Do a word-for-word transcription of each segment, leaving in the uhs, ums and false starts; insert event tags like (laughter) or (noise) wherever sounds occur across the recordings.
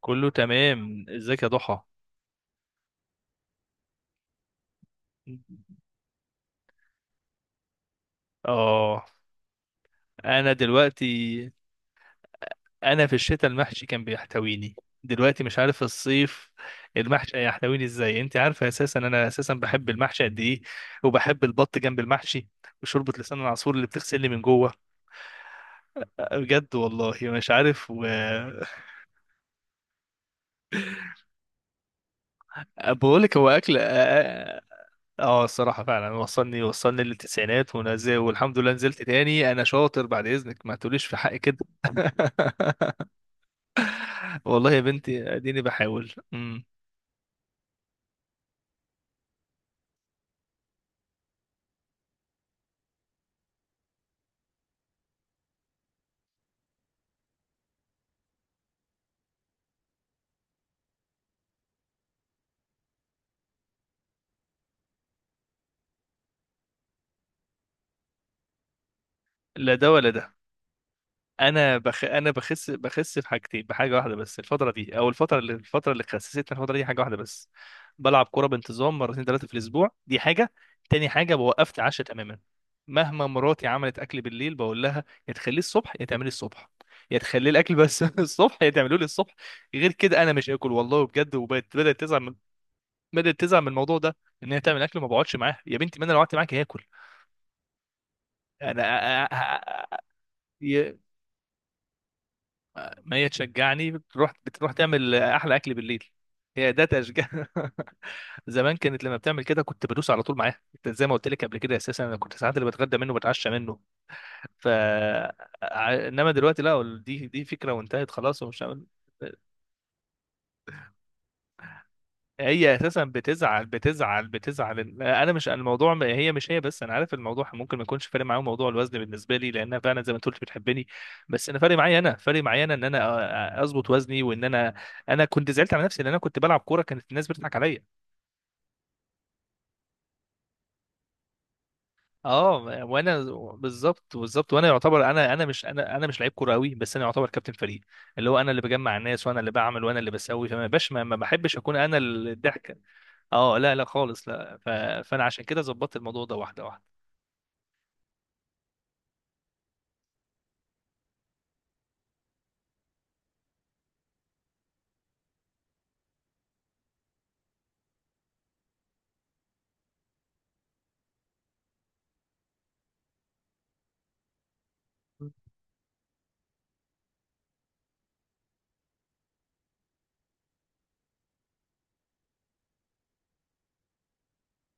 كله تمام، ازيك يا ضحى؟ اه، انا دلوقتي، انا في الشتاء المحشي كان بيحتويني. دلوقتي مش عارف الصيف المحشي هيحتويني ازاي. انت عارفه اساسا انا اساسا بحب المحشي قد ايه، وبحب البط جنب المحشي، وشوربه لسان العصفور اللي بتغسلني من جوه. بجد والله مش عارف و... (laughs) بقول لك هو اكل اه آه، آه، الصراحه فعلا وصلني، وصلني للتسعينات ونزل، والحمد لله نزلت تاني. انا شاطر، بعد اذنك ما تقوليش في حقي كده. (laughs) والله يا بنتي اديني بحاول امم لا ده ولا ده. انا بخ... انا بخس بخس في حاجتين، بحاجه واحده بس الفتره دي، او الفتره اللي، الفتره اللي خسستني الفتره دي حاجه واحده بس: بلعب كوره بانتظام مرتين ثلاثه في الاسبوع، دي حاجه. تاني حاجه بوقفت عشاء تماما. مهما مراتي عملت اكل بالليل بقول لها يا تخليه الصبح، يا تعملي الصبح، يا تخلي الاكل بس (laughs) الصبح، يا تعملوه لي الصبح. غير كده انا مش هاكل والله بجد. وبدات بدات تزعل من، بدات تزعل من الموضوع ده، ان هي تعمل اكل ما بقعدش معاها. يا بنتي ما انا لو قعدت معاك هاكل. انا ي... ما هي تشجعني، بتروح بتروح تعمل احلى اكل بالليل. هي ده تشجيع؟ (laughs) زمان كانت لما بتعمل كده كنت بدوس على طول معاها. كنت زي ما قلت لك قبل كده اساسا انا كنت ساعات اللي بتغدى منه بتعشى منه. ف ع- انما دلوقتي لا، دي دي فكره وانتهت خلاص ومش عامل. هي اساسا بتزعل بتزعل بتزعل. انا مش الموضوع ما- هي مش هي بس، انا عارف الموضوع ممكن ما يكونش فارق معاهم موضوع الوزن. بالنسبه لي لانها فعلا زي ما انت قلت بتحبني، بس انا فارق معايا، انا فارق معايا انا ان انا أ- أ- اظبط وزني وان انا، انا كنت زعلت على نفسي لان انا كنت بلعب كوره كانت الناس بتضحك عليا. اه وانا بالظبط، بالظبط وانا يعتبر انا انا مش انا انا مش لعيب كوره قوي بس انا يعتبر كابتن فريق، اللي هو انا اللي بجمع الناس، وانا اللي بعمل، وانا اللي بسوي. فما باش ما ما بحبش اكون انا الضحكه. اه لا لا خالص لا ف... فانا عشان كده ظبطت الموضوع ده واحده واحده.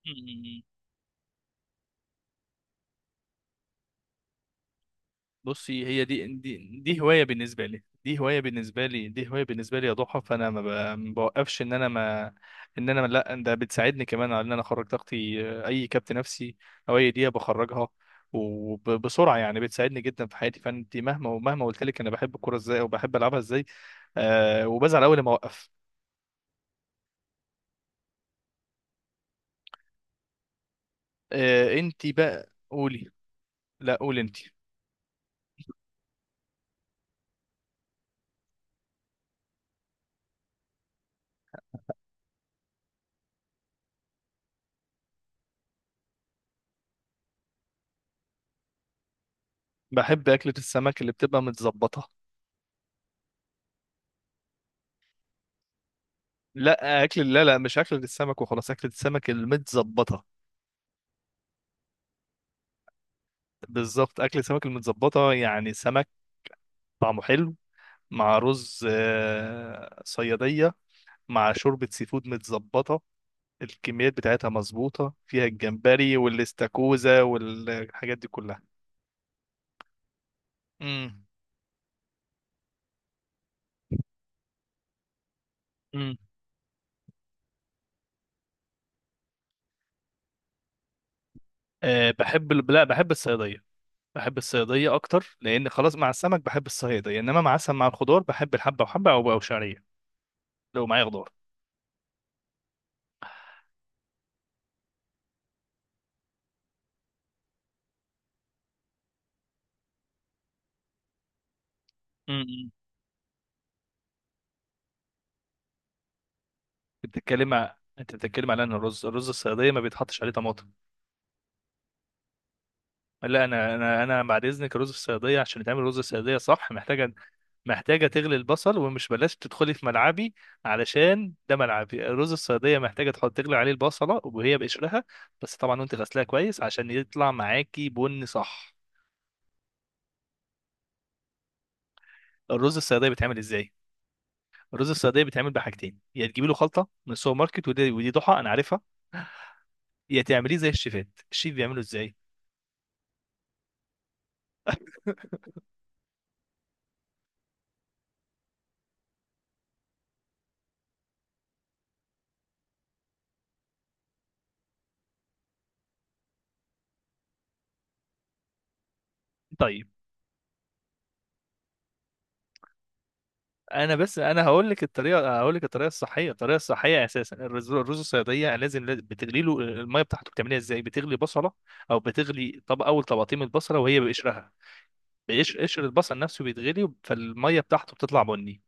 (laughs) بصي، هي دي دي دي هوايه بالنسبه لي، دي هوايه بالنسبه لي دي هوايه بالنسبه لي يا ضحى. فانا ما ب- ما بوقفش، ان انا ما ان انا ما- لا، ده بتساعدني كمان على ان انا اخرج طاقتي، آه، اي كبت نفسي او اي دقيقه بخرجها وبسرعه. يعني بتساعدني جدا في حياتي. فانت مهما ومهما قلت لك انا بحب الكوره ازاي وبحب العبها ازاي، آه، وبزعل اول ما اوقف. آه، انت بقى قولي. لا قولي انت. بحب اكله السمك اللي بتبقى متظبطه. لا اكل، لا لا، مش اكله السمك وخلاص، اكله السمك المتظبطه. بالظبط، اكل سمك المتظبطه يعني سمك طعمه حلو، مع رز آه، صياديه، مع شوربه سي فود متظبطه. الكميات بتاعتها مظبوطه، فيها الجمبري والاستاكوزا والحاجات دي كلها. امم، امم، أه بحب ال- لا بحب الصياديه. بحب الصياديه اكتر، لان خلاص مع السمك بحب الصياديه، انما مع سم- مع الخضار بحب الحبه وحبه، او او شعريه لو معايا خضار. امم، أمم. بتتكلم مع- انت بتتكلم على ان الرز، الرز الصياديه ما بيتحطش عليه طماطم؟ لا انا، انا انا بعد اذنك رز الصياديه، عشان تعمل رز الصياديه صح، محتاجه محتاجه تغلي البصل. ومش بلاش تدخلي في ملعبي، علشان ده ملعبي. رز الصياديه محتاجه تحط تغلي عليه البصله وهي بقشرها، بس طبعا وانت غسلاها كويس عشان يطلع معاكي بن صح. الرز الصياديه بيتعمل ازاي؟ الرز الصياديه بيتعمل بحاجتين: يا تجيبي له خلطه من السوبر ماركت، ودي ودي ضحى انا عارفها، يا تعمليه زي الشيفات، الشيف بيعمله ازاي. (laughs) انا بس انا هقول لك الطريقه، هقول لك الطريقه الصحيه. الطريقه الصحيه اساسا، الرز، الرز الصياديه لازم، لازم بتغلي له الميه بتاعته. بتعملها ازاي؟ بتغلي بصله، او بتغلي، طب اول طبقتين من البصله وهي بقشرها، بقشر، قشر البصل نفسه بيتغلي فالميه بتاعته بتطلع بني،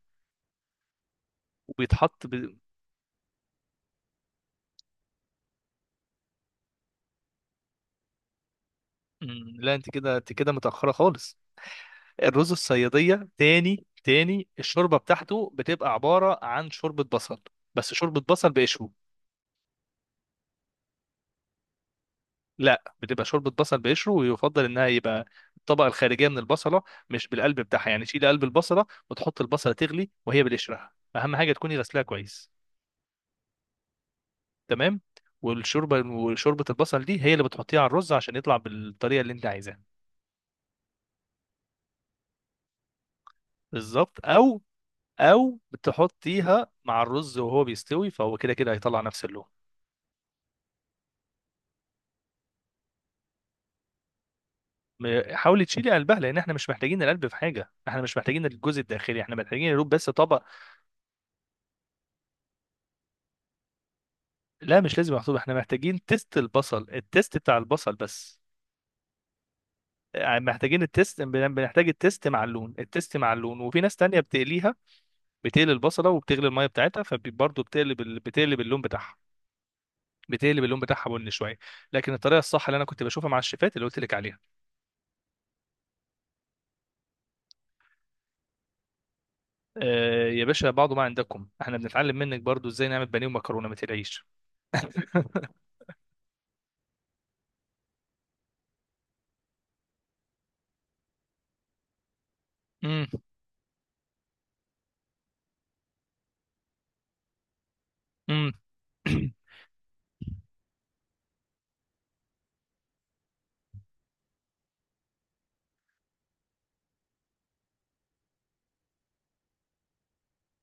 وبيتحط ب... مم، لا، انت كده، انت كده متاخره خالص. الرز الصياديه تاني، تاني الشوربه بتاعته بتبقى عباره عن شوربه بصل، بس شوربه بصل بقشره. لا بتبقى شوربه بصل بقشره، ويفضل انها يبقى الطبقه الخارجيه من البصله، مش بالقلب بتاعها. يعني شيل قلب البصله وتحط البصله تغلي وهي بالقشرها. اهم حاجه تكوني غسلاها كويس، تمام؟ والشوربه، وشوربه البصل دي هي اللي بتحطيها على الرز عشان يطلع بالطريقه اللي انت عايزاها. بالظبط، او او بتحطيها مع الرز وهو بيستوي، فهو كده كده هيطلع نفس اللون. م- حاولي تشيلي قلبها، لان احنا مش محتاجين القلب في حاجه. احنا مش محتاجين الجزء الداخلي، احنا محتاجين يا دوب بس طبق. لا مش لازم، محسوب احنا محتاجين تيست البصل، التيست بتاع البصل بس. يعني محتاجين التيست، بن- بنحتاج التيست مع اللون، التيست مع اللون. وفي ناس تانية بتقليها، بتقلي البصلة وبتغلي المية بتاعتها، فبرضه بتقلب ال- بتقلب اللون بتاعها، بتقلب اللون بتاعها بني شوية. لكن الطريقة الصح اللي انا كنت بشوفها مع الشيفات اللي قلت لك عليها. آه يا باشا، بعض ما عندكم. احنا بنتعلم منك برضه ازاي نعمل بانيه ومكرونة، ما تقلقيش. (laughs) أمم، أمم. (coughs)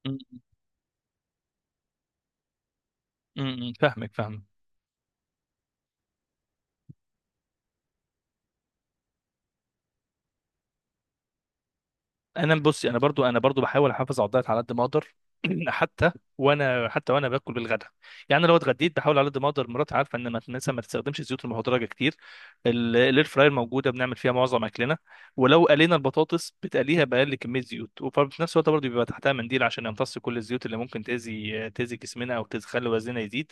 أمم، أمم، (clears throat) فاهمك، فاهمك. انا بصي، انا برضو، انا برضو بحاول احافظ على الدايت على قد ما اقدر. (clears throat) حتى وانا، حتى وانا باكل بالغدا. يعني أنا لو اتغديت بحاول على قد ما اقدر. مراتي عارفه ان ما مثلا ما تستخدمش الزيوت المهدرجه كتير. ال- الاير فراير موجوده، بنعمل فيها معظم اكلنا. ولو قلينا البطاطس بتقليها باقل كميه زيوت، وفي نفس الوقت برضو بيبقى تحتها منديل عشان يمتص كل الزيوت اللي ممكن تاذي، تاذي جسمنا او تخلي وزننا يزيد.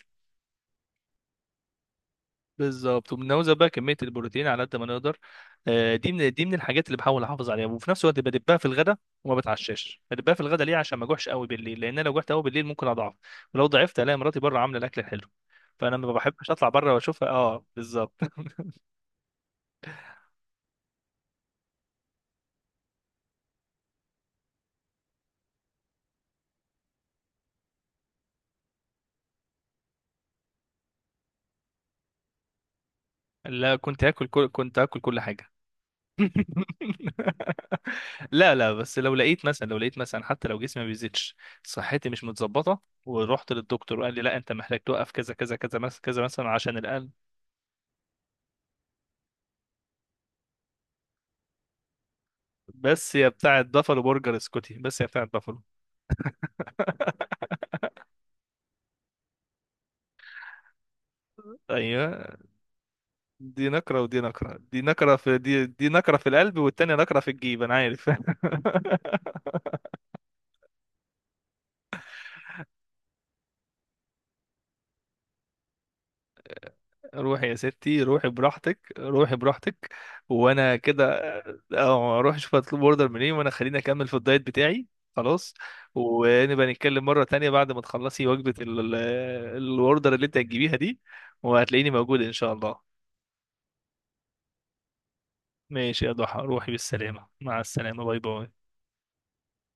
بالظبط، وبنوزع بقى كميه البروتين على قد ما نقدر. آه، دي من، دي من الحاجات اللي بحاول احافظ عليها. وفي نفس الوقت بدبها في الغداء، وما بتعشاش. بدبها في الغداء ليه؟ عشان ما اجوعش قوي بالليل، لان انا لو جوعت قوي بالليل ممكن اضعف. ولو ضعفت الاقي مراتي بره عامله الاكل الحلو، فانا ما بحبش اطلع بره واشوفها. اه بالظبط. (laughs) لا كنت هاكل كل، كنت هاكل كل حاجه. (laughs) لا لا، بس لو لقيت مثلا، لو لقيت مثلا حتى لو جسمي ما بيزيدش، صحتي مش متظبطه ورحت للدكتور وقال لي لا انت محتاج توقف كذا كذا كذا، مثلا كذا مثلا عشان القلب. بس يا بتاعة بافالو برجر، اسكتي بس يا بتاعة بافالو. (laughs) ايوه، دي نكرة ودي نكرة، دي نكرة في، دي دي نكرة في القلب، والتانية نكرة في الجيب. انا عارف. (laughs) روحي يا ستي، روحي براحتك، روحي براحتك وانا كده اه اروح اشوف هطلب اوردر منين، وانا خليني اكمل في الدايت بتاعي. خلاص، ونبقى نتكلم مرة تانية بعد ما تخلصي وجبة ال- ال- الاوردر اللي انت هتجيبيها دي، وهتلاقيني موجود ان شاء الله. ماشي يا ضحى، روحي بالسلامة، مع السلامة، باي باي.